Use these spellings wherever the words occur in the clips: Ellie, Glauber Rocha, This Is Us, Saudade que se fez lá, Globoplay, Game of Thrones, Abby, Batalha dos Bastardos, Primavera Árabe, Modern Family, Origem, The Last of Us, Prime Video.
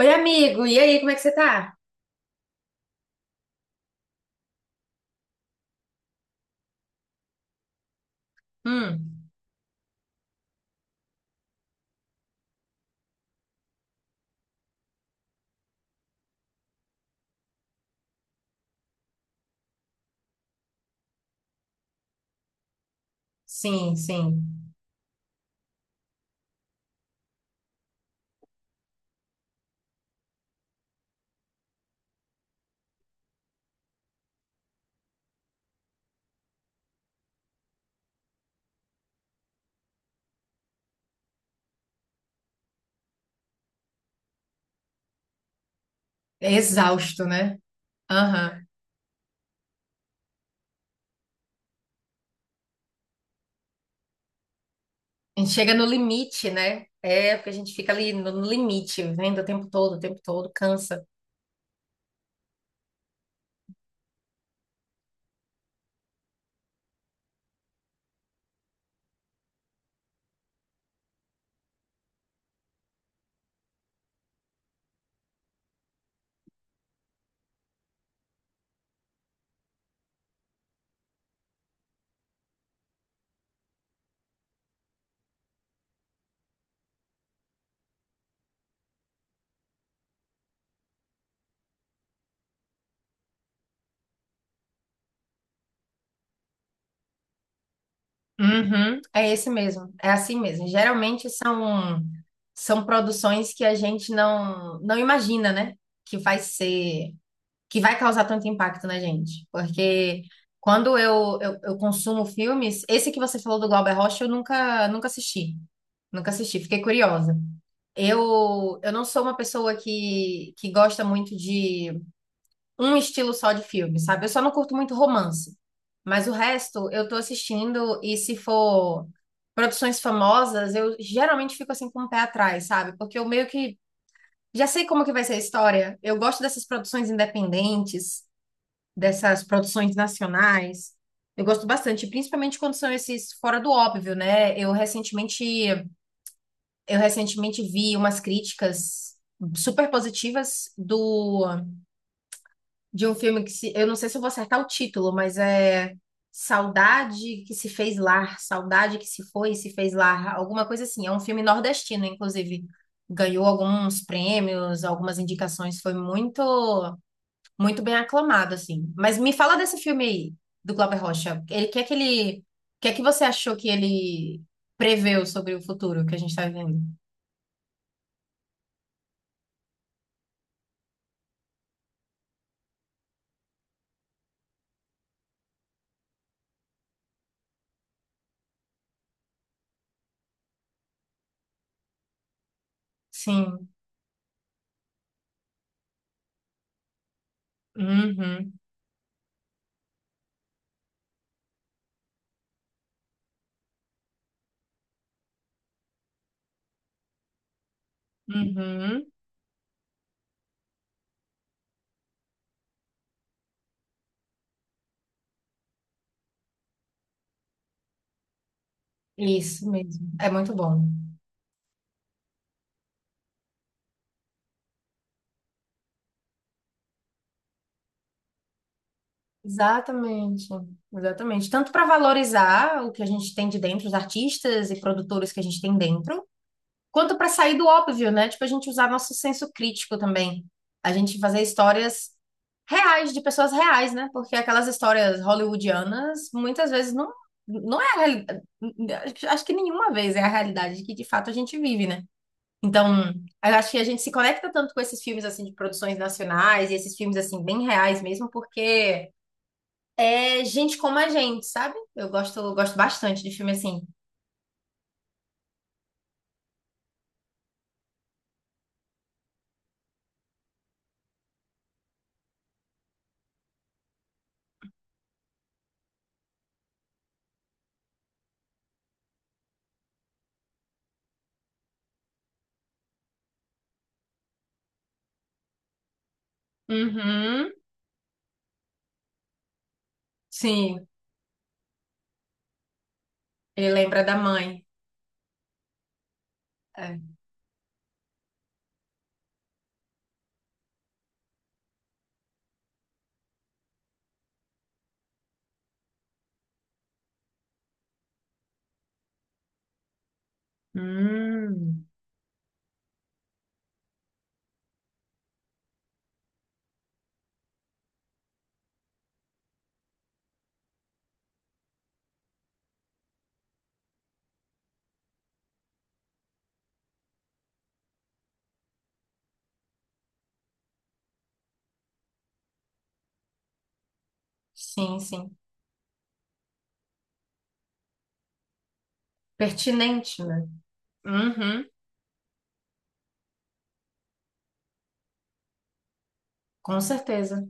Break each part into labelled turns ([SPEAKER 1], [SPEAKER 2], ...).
[SPEAKER 1] Oi, amigo, e aí, como é que você tá? Hum, sim. É exausto, né? Aham. A gente chega no limite, né? É, porque a gente fica ali no limite, vendo o tempo todo, cansa. Uhum, é esse mesmo. É assim mesmo. Geralmente são produções que a gente não imagina, né? Que vai ser que vai causar tanto impacto na gente. Porque quando eu consumo filmes, esse que você falou do Glauber Rocha, eu nunca, nunca assisti. Nunca assisti, fiquei curiosa. Eu não sou uma pessoa que gosta muito de um estilo só de filme, sabe? Eu só não curto muito romance. Mas o resto eu tô assistindo e se for produções famosas, eu geralmente fico assim com o pé atrás, sabe? Porque eu meio que já sei como que vai ser a história. Eu gosto dessas produções independentes dessas produções nacionais. Eu gosto bastante, principalmente quando são esses fora do óbvio, né? Eu recentemente vi umas críticas super positivas do de um filme que se, eu não sei se eu vou acertar o título, mas é Saudade que se fez lá, Saudade que se foi e se fez lá, alguma coisa assim. É um filme nordestino, inclusive. Ganhou alguns prêmios, algumas indicações, foi muito bem aclamado, assim. Mas me fala desse filme aí, do Glauber Rocha. Ele, que é que ele, o que é que você achou que ele preveu sobre o futuro que a gente está vivendo? Sim. Uhum. Uhum. Isso mesmo. É muito bom. Exatamente. Exatamente. Tanto para valorizar o que a gente tem de dentro, os artistas e produtores que a gente tem dentro, quanto para sair do óbvio, né? Tipo, a gente usar nosso senso crítico também. A gente fazer histórias reais, de pessoas reais, né? Porque aquelas histórias hollywoodianas muitas vezes não é a realidade. Acho que nenhuma vez é a realidade que de fato a gente vive, né? Então, eu acho que a gente se conecta tanto com esses filmes assim de produções nacionais e esses filmes assim bem reais mesmo, porque é gente como a gente, sabe? Eu gosto, gosto bastante de filme assim. Uhum, sim, ele lembra da mãe. É. Hum, sim. Pertinente, né? Uhum, com certeza.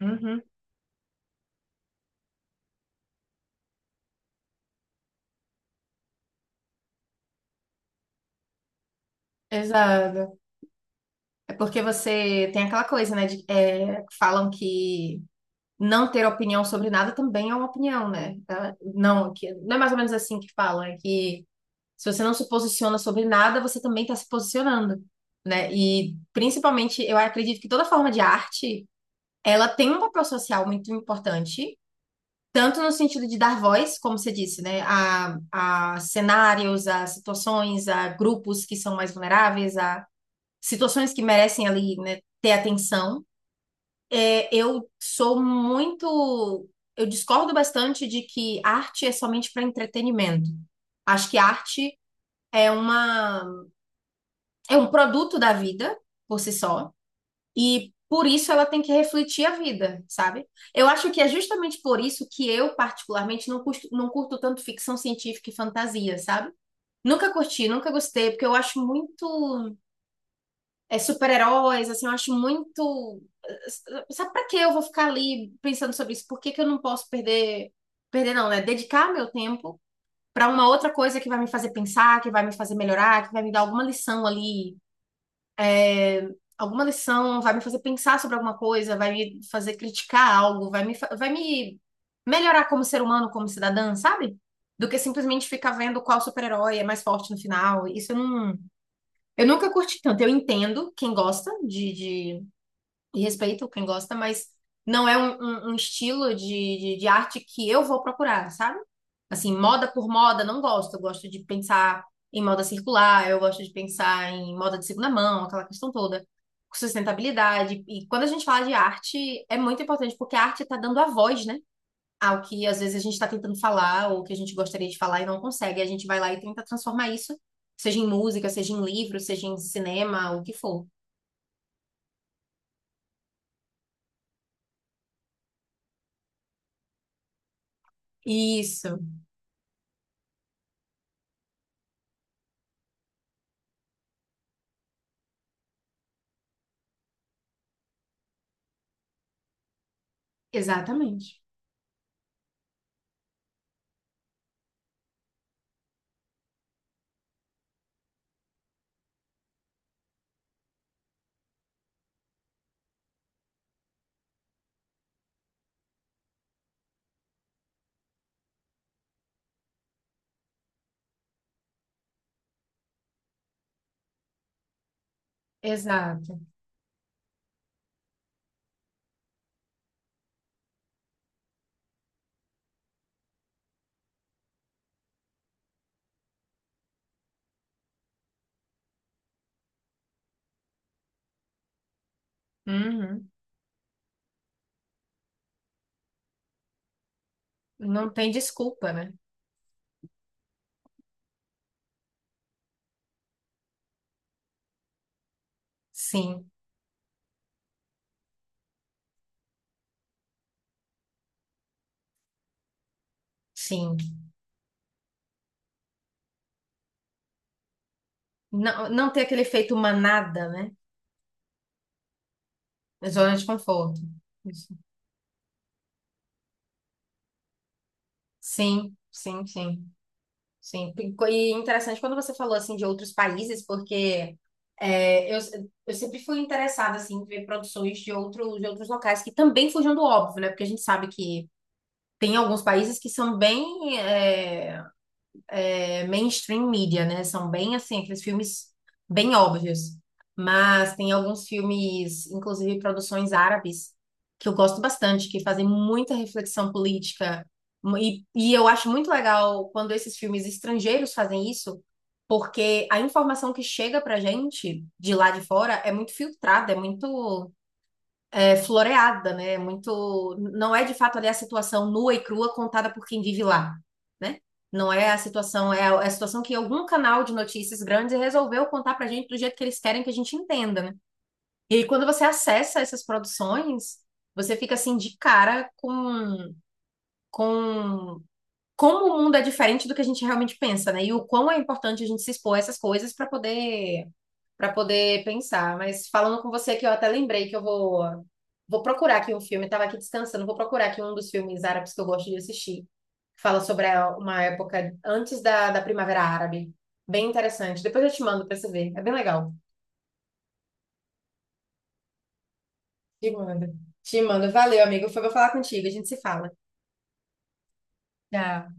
[SPEAKER 1] Uhum, exato. É porque você tem aquela coisa, né? Falam que não ter opinião sobre nada também é uma opinião, né? Tá? Não é mais ou menos assim que falam, é que se você não se posiciona sobre nada, você também está se posicionando, né? E principalmente, eu acredito que toda forma de arte, ela tem um papel social muito importante. Tanto no sentido de dar voz, como você disse, né, a cenários, a situações, a grupos que são mais vulneráveis, a situações que merecem ali, né, ter atenção. É, eu sou muito, eu discordo bastante de que arte é somente para entretenimento. Acho que arte é é um produto da vida por si só. E por isso ela tem que refletir a vida, sabe? Eu acho que é justamente por isso que eu, particularmente, não curto tanto ficção científica e fantasia, sabe? Nunca curti, nunca gostei, porque eu acho super-heróis, assim, eu acho muito. Sabe pra que eu vou ficar ali pensando sobre isso? Por que que eu não posso perder. Perder não, né? Dedicar meu tempo para uma outra coisa que vai me fazer pensar, que vai me fazer melhorar, que vai me dar alguma lição, vai me fazer pensar sobre alguma coisa, vai me fazer criticar algo, vai me melhorar como ser humano, como cidadã, sabe? Do que simplesmente ficar vendo qual super-herói é mais forte no final. Isso eu não. Eu nunca curti tanto. Eu entendo quem gosta de e respeito quem gosta, mas não é um estilo de arte que eu vou procurar, sabe? Assim, moda por moda, não gosto. Eu gosto de pensar em moda circular, eu gosto de pensar em moda de segunda mão, aquela questão toda. Sustentabilidade. E quando a gente fala de arte, é muito importante, porque a arte está dando a voz, né? Ao que às vezes a gente está tentando falar, ou que a gente gostaria de falar e não consegue. A gente vai lá e tenta transformar isso, seja em música, seja em livro, seja em cinema, o que for. Isso, exatamente. Exato. Uhum. Não tem desculpa, né? Sim, sim. Não, não ter aquele efeito manada, né? É zona de conforto. Isso. Sim, sim, sim, sim. E interessante quando você falou assim de outros países, porque é, eu, eu sempre fui interessada assim em ver produções de outros locais que também fujam do óbvio, né? Porque a gente sabe que tem alguns países que são bem mainstream media, né? São bem assim, aqueles filmes bem óbvios. Mas tem alguns filmes, inclusive produções árabes, que eu gosto bastante, que fazem muita reflexão política. E eu acho muito legal quando esses filmes estrangeiros fazem isso, porque a informação que chega pra gente de lá de fora é muito filtrada, é muito floreada, né? É muito, não é de fato ali a situação nua e crua contada por quem vive lá, né? Não é a situação, é é a situação que algum canal de notícias grande resolveu contar pra gente do jeito que eles querem que a gente entenda, né? E aí, quando você acessa essas produções, você fica assim de cara com como o mundo é diferente do que a gente realmente pensa, né? E o quão é importante a gente se expor a essas coisas para poder pensar. Mas falando com você que eu até lembrei que eu vou vou procurar aqui um filme, estava aqui descansando, vou procurar aqui um dos filmes árabes que eu gosto de assistir. Fala sobre uma época antes da Primavera Árabe. Bem interessante. Depois eu te mando para você ver. É bem legal. Te mando. Te mando. Valeu, amigo. Foi bom falar contigo. A gente se fala. Tchau.